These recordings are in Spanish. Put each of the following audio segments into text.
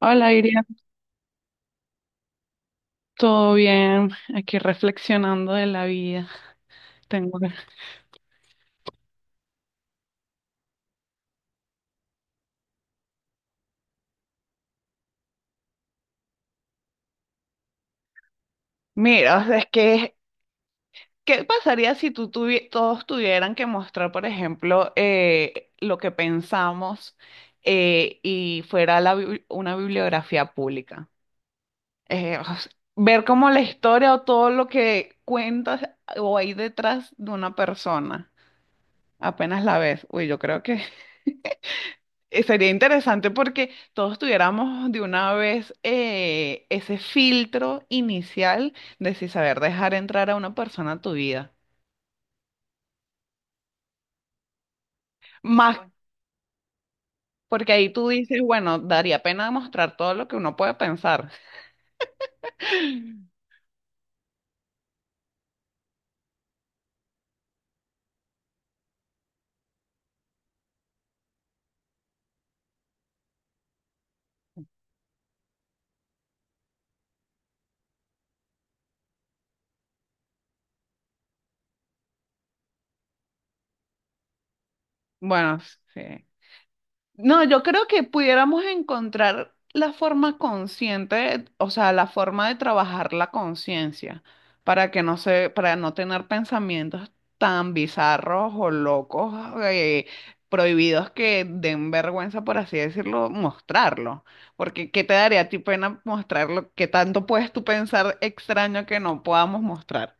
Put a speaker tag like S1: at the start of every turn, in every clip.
S1: Hola, Iria, ¿todo bien? Aquí reflexionando de la vida. Tengo... Mira, o sea, es que, ¿qué pasaría si todos tuvieran que mostrar, por ejemplo, lo que pensamos y fuera la una bibliografía pública? O sea, ver como la historia o todo lo que cuentas o hay detrás de una persona, apenas la ves. Uy, yo creo que sería interesante porque todos tuviéramos de una vez ese filtro inicial de si saber dejar entrar a una persona a tu vida. Más porque ahí tú dices, bueno, daría pena mostrar todo lo que uno puede pensar. Bueno, sí. No, yo creo que pudiéramos encontrar la forma consciente, o sea, la forma de trabajar la conciencia para que no se, para no tener pensamientos tan bizarros o locos, eh, prohibidos que den vergüenza, por así decirlo, mostrarlo. Porque ¿qué te daría a ti pena mostrarlo? ¿Qué tanto puedes tú pensar extraño que no podamos mostrar?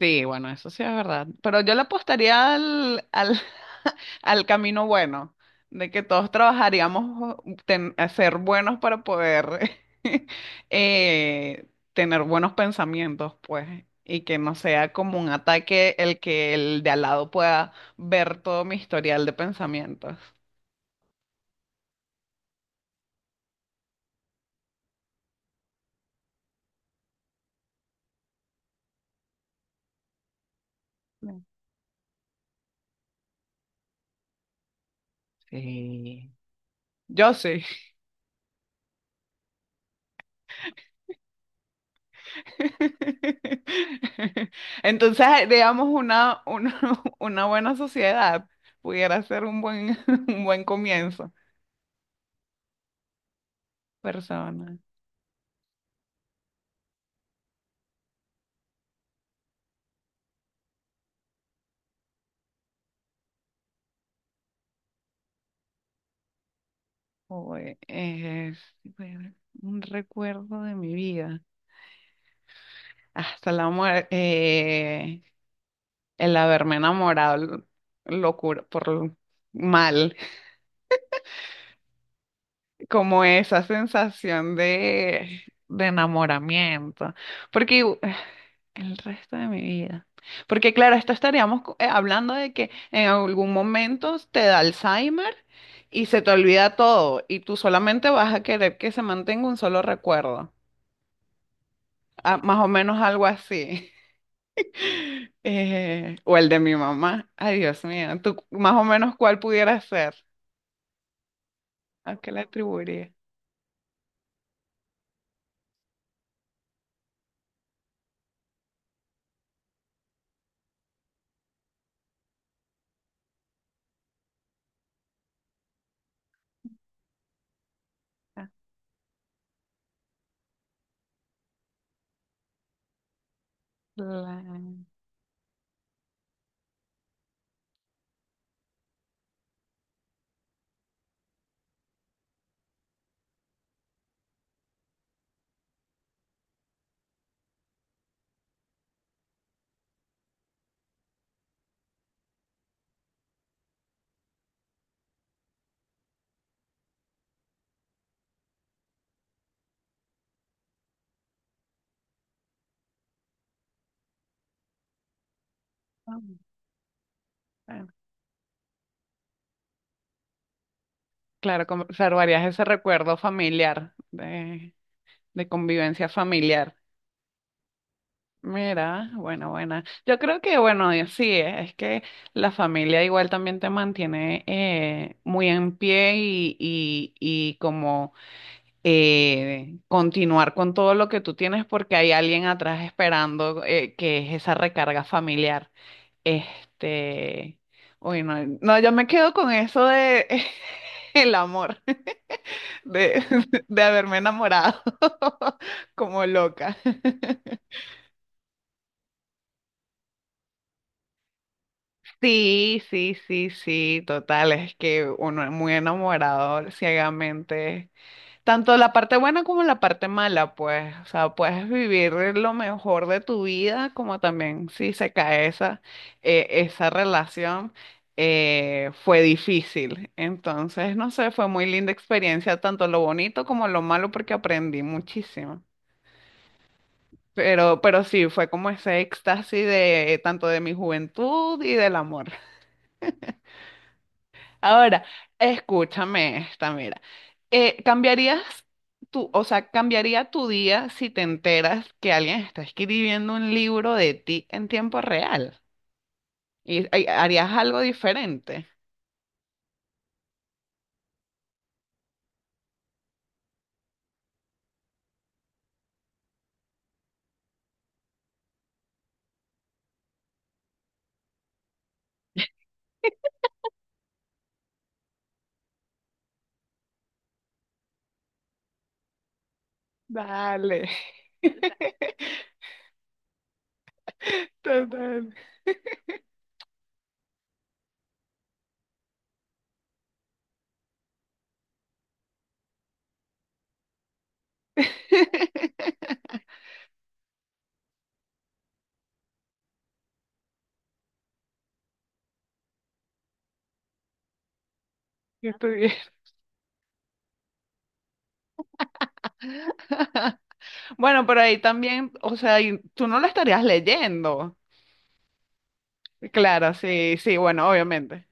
S1: Sí, bueno, eso sí es verdad. Pero yo le apostaría al al camino bueno, de que todos trabajaríamos a ser buenos para poder eh, tener buenos pensamientos, pues, y que no sea como un ataque el que el de al lado pueda ver todo mi historial de pensamientos. Mm. Sí, yo sí. Entonces, digamos, una una buena sociedad pudiera ser un buen, un buen comienzo. Persona. O, es, bueno, un recuerdo de mi vida. Hasta la muerte. El haberme locura, mal. Como esa sensación de enamoramiento. Porque. El resto de mi vida. Porque claro, esto estaríamos hablando de que en algún momento te da Alzheimer y se te olvida todo y tú solamente vas a querer que se mantenga un solo recuerdo. Ah, más o menos algo así. O el de mi mamá. Ay, Dios mío. ¿Tú más o menos cuál pudiera ser? ¿A qué le atribuiría? Claro, bueno, claro, conservarías ese recuerdo familiar, de convivencia familiar. Mira, bueno, buena. Yo creo que, bueno, y así es que la familia igual también te mantiene muy en pie y como continuar con todo lo que tú tienes porque hay alguien atrás esperando que es esa recarga familiar. Este, uy, no, no, yo me quedo con eso de el amor, de, de haberme enamorado como loca. Sí, sí, sí, sí, total, es que uno es muy enamorado ciegamente, tanto la parte buena como la parte mala, pues, o sea, puedes vivir lo mejor de tu vida, como también si se cae esa, esa relación, fue difícil, entonces, no sé, fue muy linda experiencia, tanto lo bonito como lo malo, porque aprendí muchísimo. Pero sí, fue como ese éxtasis de tanto de mi juventud y del amor. Ahora, escúchame esta, mira. ¿Cambiarías tu, o sea, cambiaría tu día si te enteras que alguien está escribiendo un libro de ti en tiempo real? Y harías algo diferente? Dale, total. Yo estuviera. Bueno, pero ahí también, o sea, y tú no lo estarías leyendo. Claro, sí, sí, bueno, obviamente.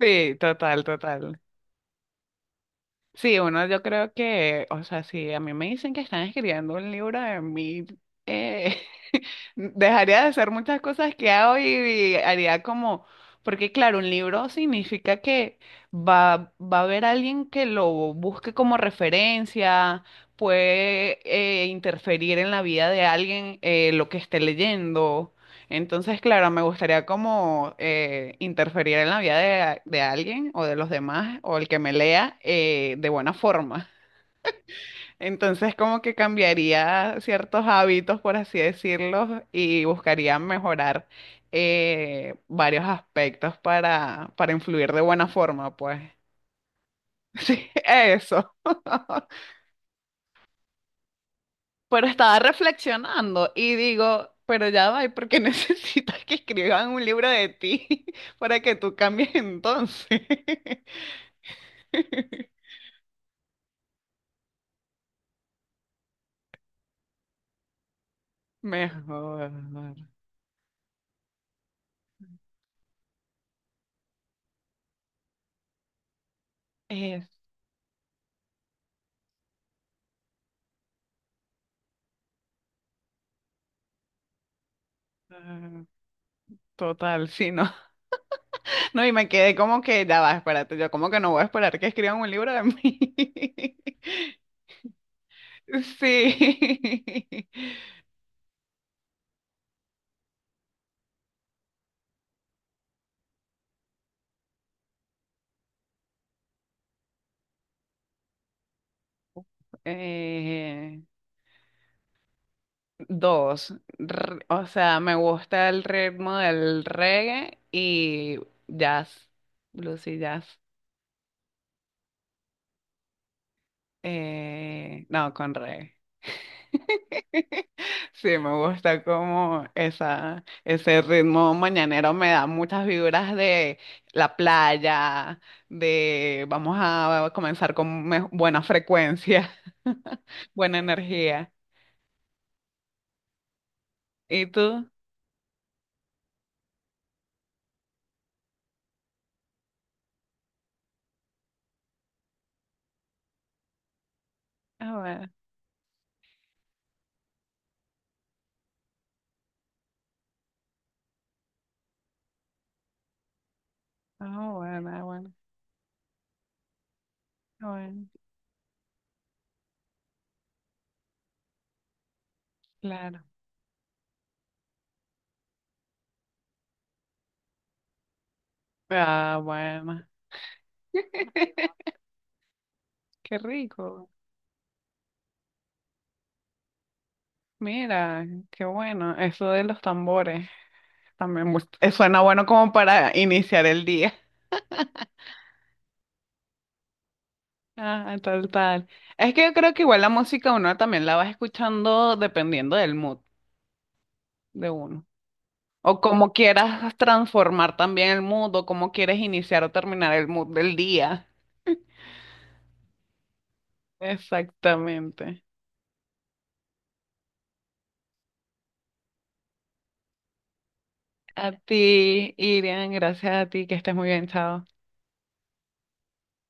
S1: Sí, total, total. Sí, bueno, yo creo que, o sea, si a mí me dicen que están escribiendo un libro de mí, dejaría de hacer muchas cosas que hago y haría como, porque claro, un libro significa que va a haber alguien que lo busque como referencia, puede interferir en la vida de alguien lo que esté leyendo. Entonces, claro, me gustaría como interferir en la vida de alguien o de los demás o el que me lea de buena forma. Entonces, como que cambiaría ciertos hábitos, por así decirlo, y buscaría mejorar varios aspectos para influir de buena forma, pues. Sí, eso. Pero estaba reflexionando y digo, pero ya va, ¿y por qué necesitas que escriban un libro de ti para que tú cambies entonces? Mejor. Eso. Total, sí, no. No, y me quedé como que, ya va, espérate, yo como que no voy a esperar que escriban un libro de mí. Sí. Eh, Dos, o sea, me gusta el ritmo del reggae y jazz, blues y jazz. No, con reggae. Sí, me gusta como esa, ese ritmo mañanero me da muchas vibras de la playa, de vamos a comenzar con buena frecuencia, buena energía. ¿Y tú? Ah, bueno, ah, bueno, ah, bueno, ah, bueno, claro. Ah, bueno. Qué rico. Mira, qué bueno. Eso de los tambores también suena bueno como para iniciar el día. Ah, tal, tal. Es que yo creo que igual la música uno también la vas escuchando dependiendo del mood de uno. O cómo quieras transformar también el mood, o cómo quieres iniciar o terminar el mood del día. Exactamente. A ti, Irian, gracias a ti, que estés muy bien, chao.